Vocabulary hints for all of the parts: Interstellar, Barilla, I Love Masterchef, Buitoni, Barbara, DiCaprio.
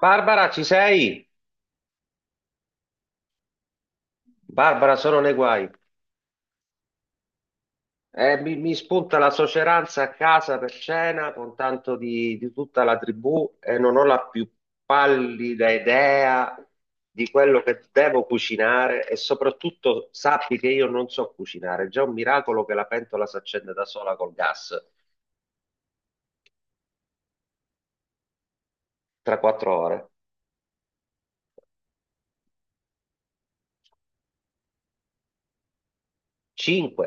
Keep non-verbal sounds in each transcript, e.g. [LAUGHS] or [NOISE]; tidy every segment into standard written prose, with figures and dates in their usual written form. Barbara, ci sei? Barbara, sono nei guai. Mi spunta la soceranza a casa per cena con tanto di tutta la tribù e non ho la più pallida idea di quello che devo cucinare e soprattutto sappi che io non so cucinare. È già un miracolo che la pentola si accende da sola col gas tra 4 ore. Cinque.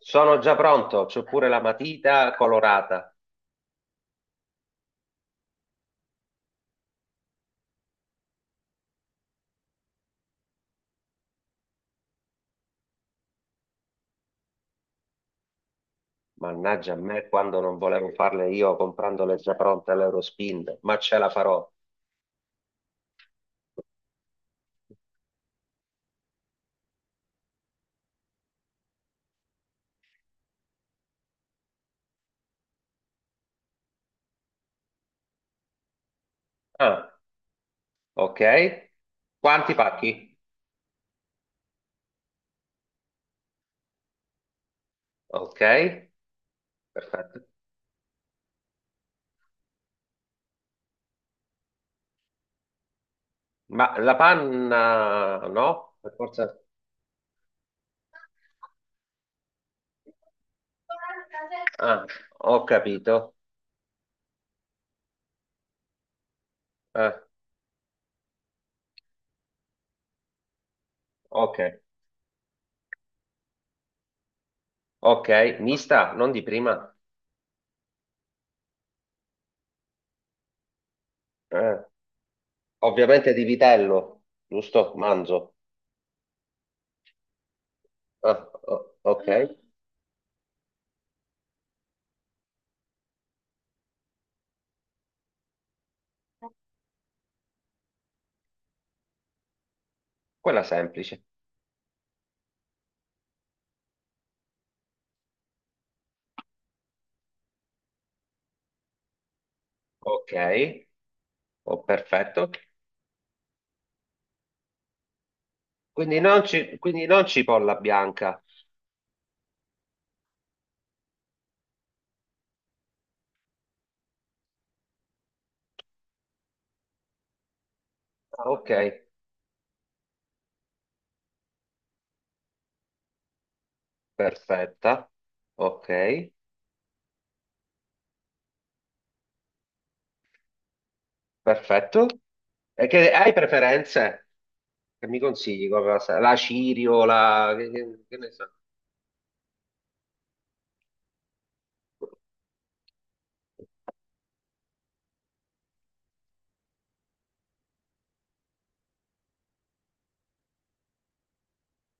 Sono già pronto, c'ho pure la matita colorata. Mannaggia a me quando non volevo farle io comprandole già pronte all'Eurospin, ma ce la farò. Ah, ok. Quanti pacchi? Ok, perfetto. Ma la panna no? Per forza. Ah, ho capito. Eh, ok, ok. Mista, non di prima. Eh, ovviamente di vitello, giusto? Manzo. Ah, ok, quella semplice. Ok, oh, perfetto. Quindi non cipolla bianca. Ah, ok, perfetta. Ok, perfetto. E che, hai preferenze? Che mi consigli? Come la, la cirio, la... Che, che ne so?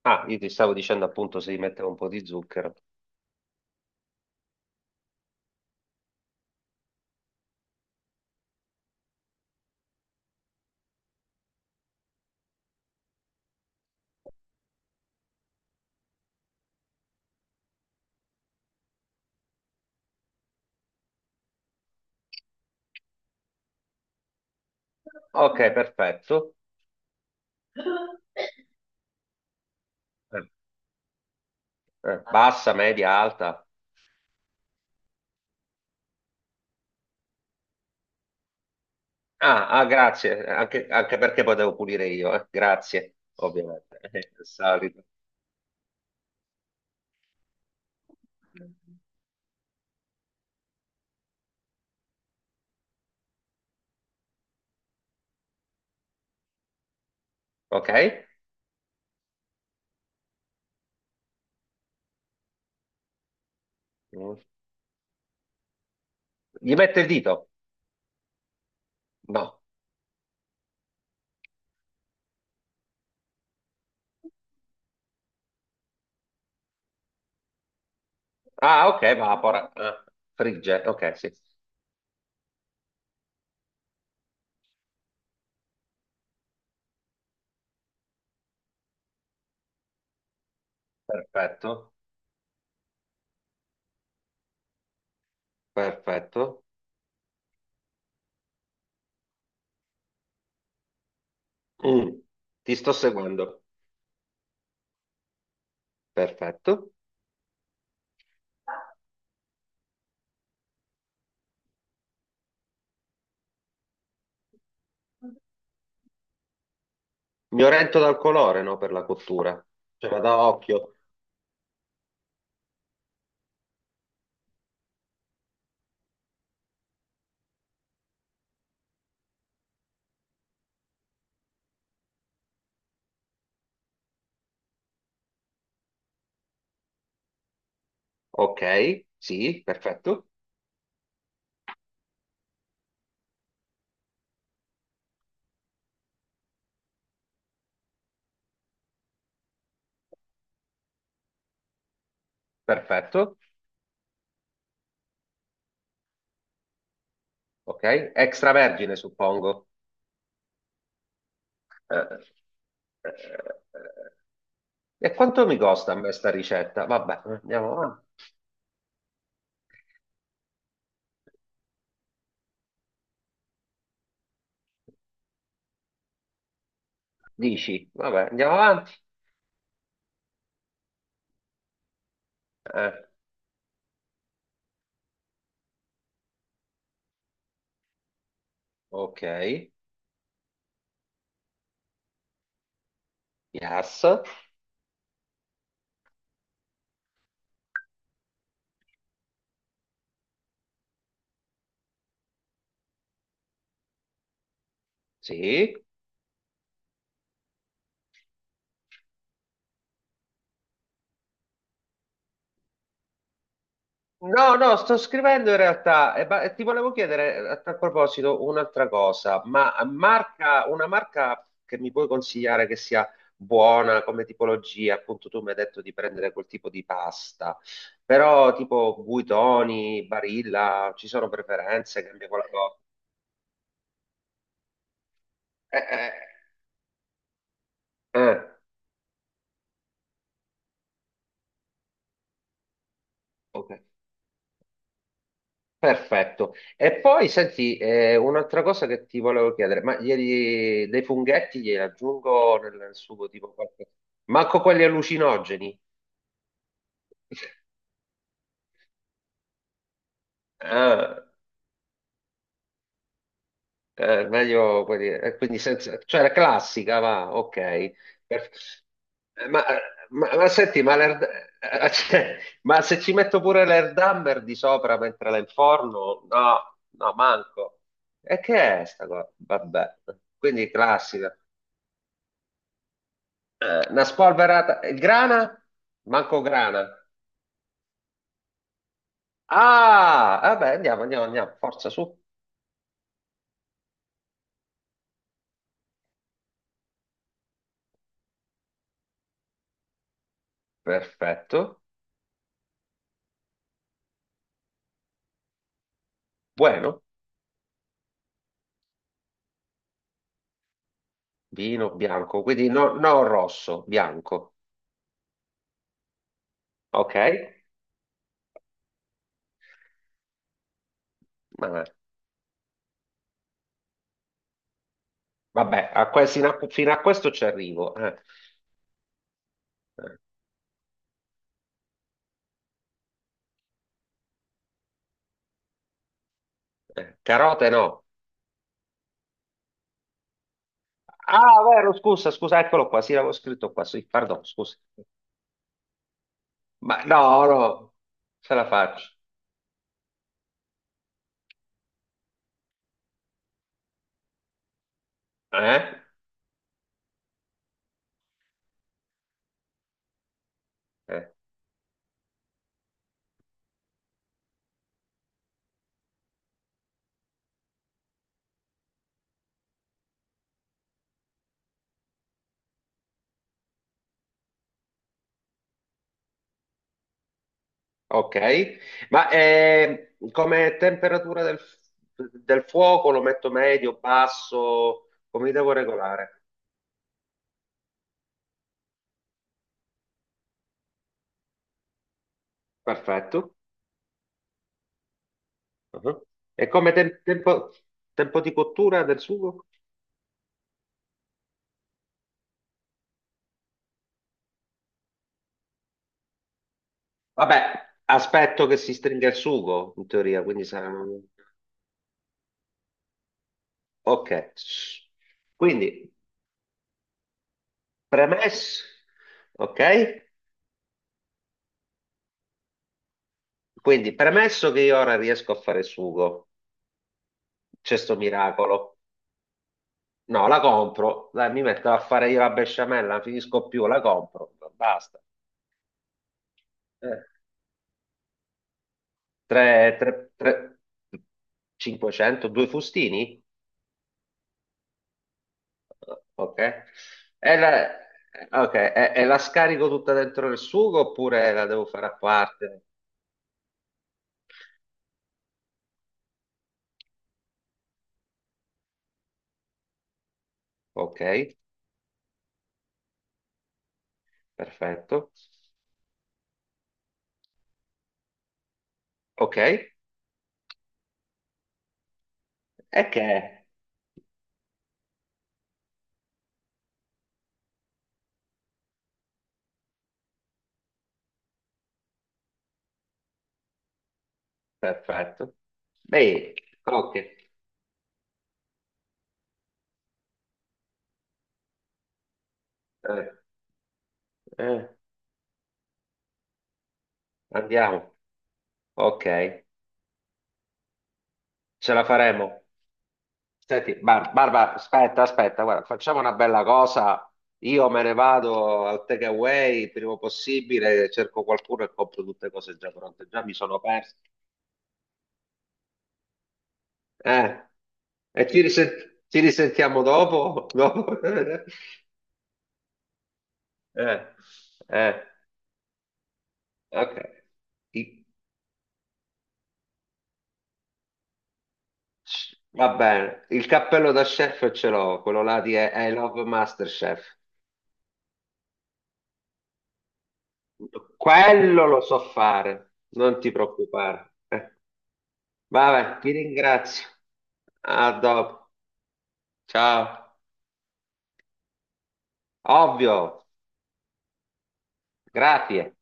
Ah, io ti stavo dicendo appunto se gli mettevo un po' di zucchero. Ok, perfetto. Eh, bassa, media, alta. Ah, ah, grazie, anche, anche perché potevo pulire io, eh. Grazie, ovviamente, [LAUGHS] il solito. Ok? Mm. Gli mette il dito. No. Ah, ok, vapora. Ah, frigge. Ok, sì. Perfetto, perfetto. Mm, ti sto seguendo. Perfetto. Mi oriento dal colore, no, per la cottura. Cioè, vado a occhio. Ok, sì, perfetto. Perfetto. Ok, extravergine, suppongo. Eh, eh, eh, E quanto mi costa a me sta ricetta? Vabbè, andiamo avanti. Dici, vabbè, andiamo avanti. Eh, ok, yes, sì. No, no, sto scrivendo in realtà, e e ti volevo chiedere a tal proposito un'altra cosa, ma marca, una marca che mi puoi consigliare che sia buona come tipologia, appunto tu mi hai detto di prendere quel tipo di pasta, però tipo Buitoni, Barilla, ci sono preferenze, cambia qualcosa? Eh, eh, eh, ok. Perfetto. E poi senti, un'altra cosa che ti volevo chiedere, ma ieri dei funghetti glieli aggiungo nel sugo tipo qualche... Manco quelli allucinogeni. [LAUGHS] Ah, meglio quelli... quindi senza... cioè la classica, va, ok. Per- ma, ma senti, ma, [LAUGHS] cioè, ma se ci metto pure l'erdamber di sopra mentre la inforno, no, no, manco. E che è sta cosa? Vabbè, quindi classica. Una spolverata. Il grana? Manco grana. Ah, vabbè, andiamo. Forza su. Perfetto. Buono. Vino bianco, quindi no, no rosso, bianco. Ok? Vabbè, vabbè, a fino fino a questo ci arrivo. Eh, eh. Carote no. Ah, vero, scusa, scusa, eccolo qua. Sì, l'avevo scritto qua. Sì, pardon, scusa. Ma no, no, ce la faccio. Eh? Eh. Ok, ma come temperatura del fuoco lo metto medio, basso, come devo regolare? Perfetto. Uh-huh. E come tempo, tempo di cottura del sugo? Vabbè, aspetto che si stringa il sugo, in teoria, quindi saranno... Ok, quindi premesso... Ok? Quindi premesso che io ora riesco a fare il sugo, c'è sto miracolo. No, la compro, dai, mi metto a fare io la besciamella, non finisco più, la compro, basta. Eh, tre, 500, due fustini? Ok. E la, ok, e la scarico tutta dentro il sugo oppure la devo fare a parte? Ok, perfetto. Ok, e che è? Perfetto. Beh, ok, eh, eh, andiamo. Ok, ce la faremo. Senti, Barbara, aspetta, guarda, facciamo una bella cosa. Io me ne vado al takeaway il prima possibile, cerco qualcuno e compro tutte cose già pronte. Già mi sono perso. Eh, E ci risentiamo dopo? [LAUGHS] Dopo? Eh, ok. I- va bene, il cappello da chef ce l'ho, quello là di I Love Masterchef. Quello lo so fare, non ti preoccupare. Vabbè, ti ringrazio. A dopo. Ciao. Ovvio. Grazie.